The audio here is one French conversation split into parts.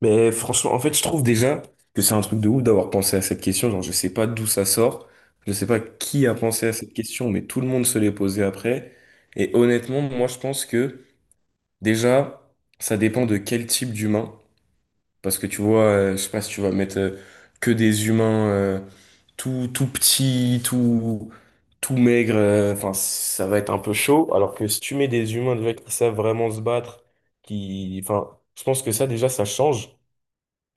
Mais franchement, en fait, je trouve déjà que c'est un truc de ouf d'avoir pensé à cette question. Genre, je sais pas d'où ça sort, je sais pas qui a pensé à cette question, mais tout le monde se l'est posé après. Et honnêtement, moi, je pense que déjà, ça dépend de quel type d'humain. Parce que tu vois, je sais pas si tu vas mettre que des humains tout, tout petits, tout, tout maigres, enfin, ça va être un peu chaud. Alors que si tu mets des humains déjà qui savent vraiment se battre, qui, enfin, je pense que ça, déjà, ça change.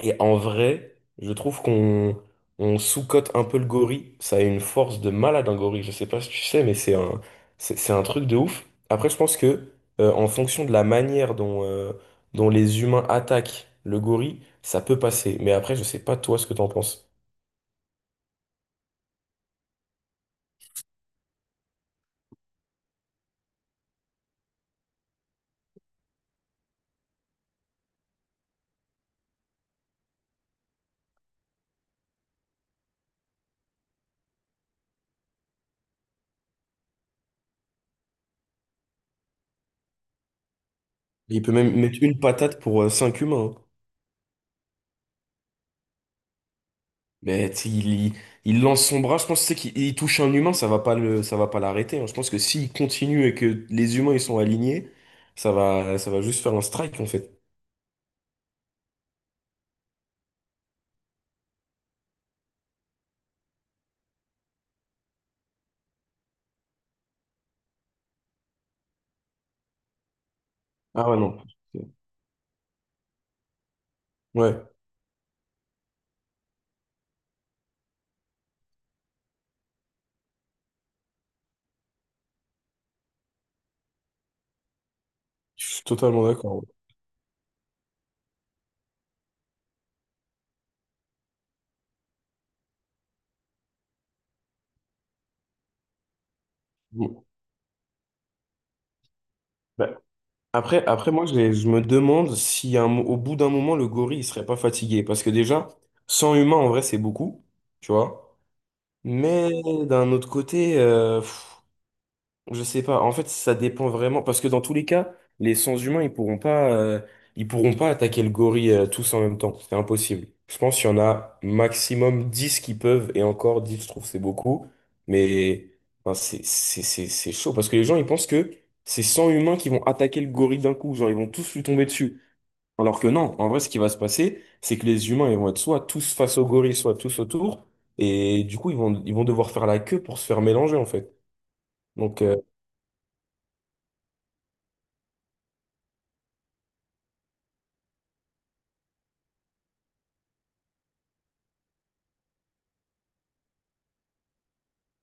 Et en vrai, je trouve qu'on on sous-cote un peu le gorille. Ça a une force de malade, un gorille. Je sais pas si tu sais, mais c'est un truc de ouf. Après, je pense que en fonction de la manière dont les humains attaquent le gorille, ça peut passer. Mais après, je sais pas toi ce que t'en penses. Il peut même mettre une patate pour 5 humains. Mais tu sais, il lance son bras, je pense tu sais, qu'il touche un humain, ça va pas l'arrêter, hein. Je pense que s'il continue et que les humains ils sont alignés, ça va juste faire un strike en fait. Ah ouais, non. Ouais, je suis totalement d'accord. Bon. Bah, après, moi, je me demande si au bout d'un moment, le gorille, il serait pas fatigué. Parce que déjà, 100 humains, en vrai, c'est beaucoup, tu vois. Mais d'un autre côté, je sais pas. En fait, ça dépend vraiment parce que dans tous les cas, les sens humains, ils pourront pas attaquer le gorille tous en même temps. C'est impossible. Je pense qu'il y en a maximum 10 qui peuvent, et encore 10, je trouve c'est beaucoup. Mais enfin, c'est chaud parce que les gens ils pensent que c'est 100 humains qui vont attaquer le gorille d'un coup, genre ils vont tous lui tomber dessus. Alors que non, en vrai, ce qui va se passer, c'est que les humains ils vont être soit tous face au gorille, soit tous autour, et du coup ils vont devoir faire la queue pour se faire mélanger en fait. Donc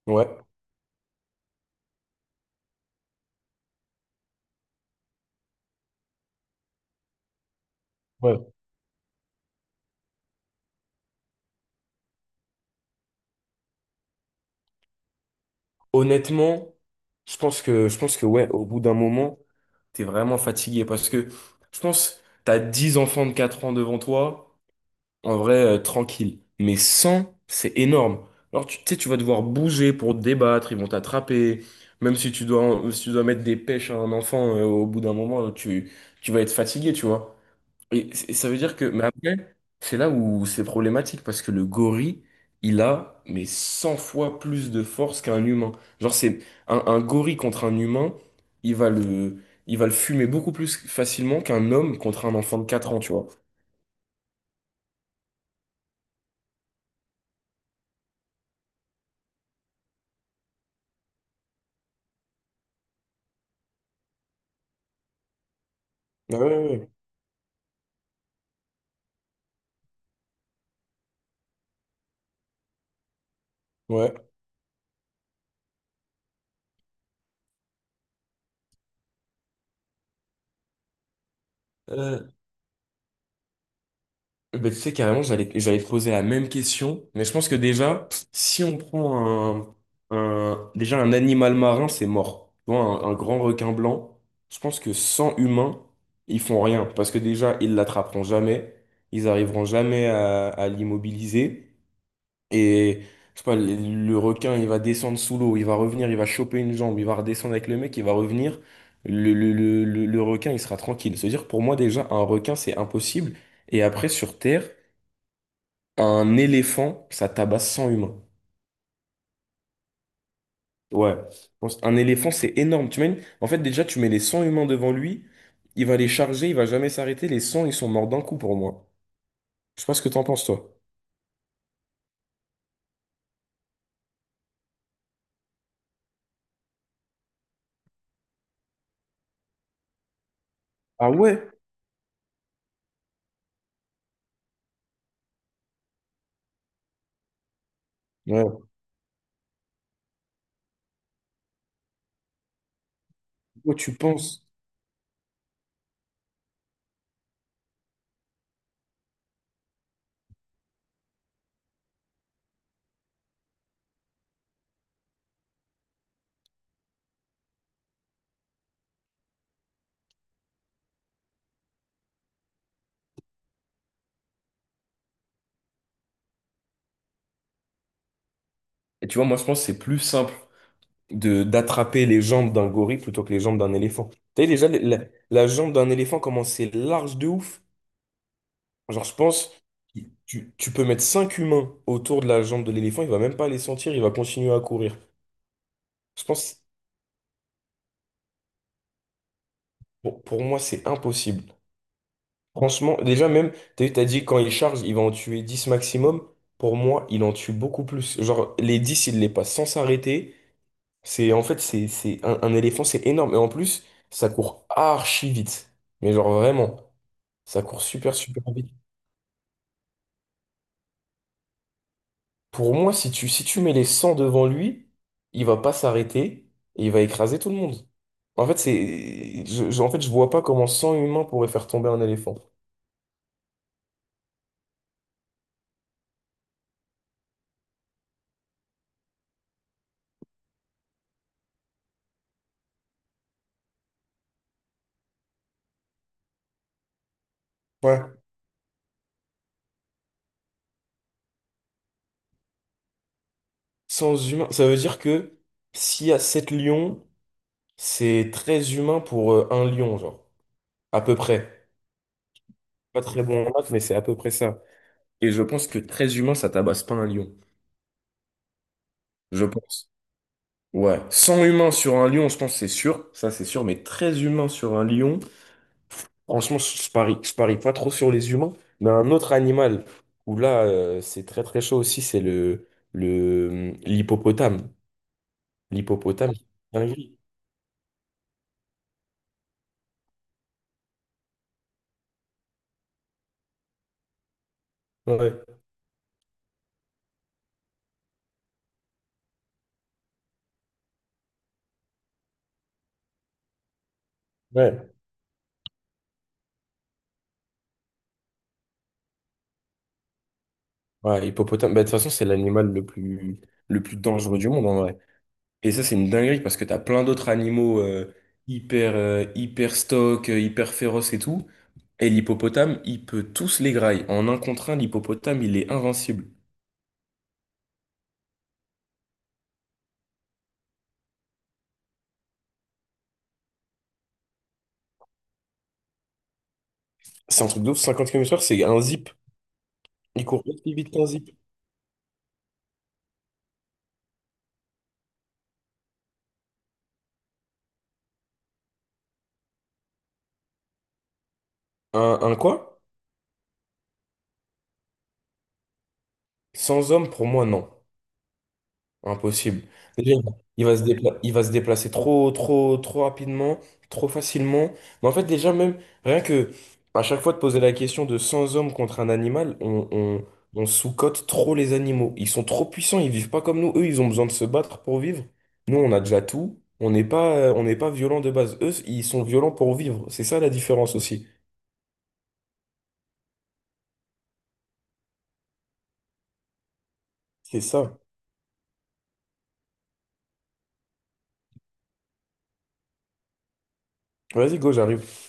ouais. Ouais. Honnêtement, je pense que ouais, au bout d'un moment, t'es vraiment fatigué parce que je pense t'as 10 enfants de 4 ans devant toi, en vrai, tranquille. Mais 100 c'est énorme. Alors tu sais, tu vas devoir bouger pour te débattre, ils vont t'attraper. Même si tu dois mettre des pêches à un enfant, au bout d'un moment, tu vas être fatigué, tu vois. Et ça veut dire que, mais après, c'est là où c'est problématique parce que le gorille, il a mais 100 fois plus de force qu'un humain. Genre, c'est un gorille contre un humain, il va le, il va le fumer beaucoup plus facilement qu'un homme contre un enfant de 4 ans, tu vois. Ouais, ouais, ouais. Ouais. Bah, tu sais, carrément, j'allais te poser la même question, mais je pense que déjà, si on prend déjà un animal marin, c'est mort. Tu vois, un grand requin blanc, je pense que sans humains, ils font rien, parce que déjà, ils l'attraperont jamais, ils arriveront jamais à l'immobiliser, et je sais pas, le requin, il va descendre sous l'eau, il va revenir, il va choper une jambe, il va redescendre avec le mec, il va revenir, le requin, il sera tranquille. C'est-à-dire, pour moi, déjà, un requin, c'est impossible. Et après, sur Terre, un éléphant, ça tabasse 100 humains. Ouais. Un éléphant, c'est énorme. Tu mets, en fait, déjà, tu mets les 100 humains devant lui, il va les charger, il va jamais s'arrêter. Les 100, ils sont morts d'un coup pour moi. Je sais pas ce que t'en penses, toi. Ah ouais? Ouais. Toi, tu penses. Et tu vois, moi, je pense que c'est plus simple de d'attraper les jambes d'un gorille plutôt que les jambes d'un éléphant. Tu sais, déjà, la jambe d'un éléphant, comment c'est large de ouf. Genre, je pense, tu peux mettre 5 humains autour de la jambe de l'éléphant, il va même pas les sentir, il va continuer à courir. Je pense. Bon, pour moi, c'est impossible. Franchement, déjà même, t'as vu, t'as dit quand il charge, il va en tuer 10 maximum. Pour moi, il en tue beaucoup plus. Genre, les 10 il les passe sans s'arrêter. En fait, c'est un éléphant, c'est énorme. Et en plus, ça court archi vite. Mais genre vraiment, ça court super, super vite. Pour moi, si tu mets les 100 devant lui, il va pas s'arrêter et il va écraser tout le monde. En fait, je vois pas comment 100 humains pourraient faire tomber un éléphant. Ouais. Sans humain, ça veut dire que s'il y a 7 lions, c'est très humain pour un lion, genre. À peu près. Pas très bon en maths, mais c'est à peu près ça. Et je pense que très humain, ça tabasse pas un lion. Je pense. Ouais. 100 humains sur un lion, je pense que c'est sûr. Ça, c'est sûr. Mais très humain sur un lion, franchement, je parie. Je parie pas trop sur les humains. Mais un autre animal où là, c'est très très chaud aussi, c'est l'hippopotame. L'hippopotame, c'est une dinguerie. Ouais. Ouais. Ouais, hippopotame, bah, de toute façon, c'est l'animal le plus dangereux du monde en vrai. Et ça, c'est une dinguerie parce que t'as plein d'autres animaux hyper, hyper stock, hyper féroces et tout. Et l'hippopotame, il peut tous les grailler. En un contre un, l'hippopotame, il est invincible. C'est un truc de ouf, 50 km/h, c'est un zip. Il court aussi vite qu'un zip. Un quoi? Sans homme, pour moi, non. Impossible. Déjà, il va se déplacer trop, trop, trop rapidement, trop facilement. Mais en fait, déjà, même, rien que à chaque fois de poser la question de 100 hommes contre un animal, on sous-cote trop les animaux. Ils sont trop puissants, ils vivent pas comme nous. Eux, ils ont besoin de se battre pour vivre. Nous, on a déjà tout. On n'est pas violent de base. Eux, ils sont violents pour vivre. C'est ça la différence aussi. C'est ça. Vas-y, go, j'arrive.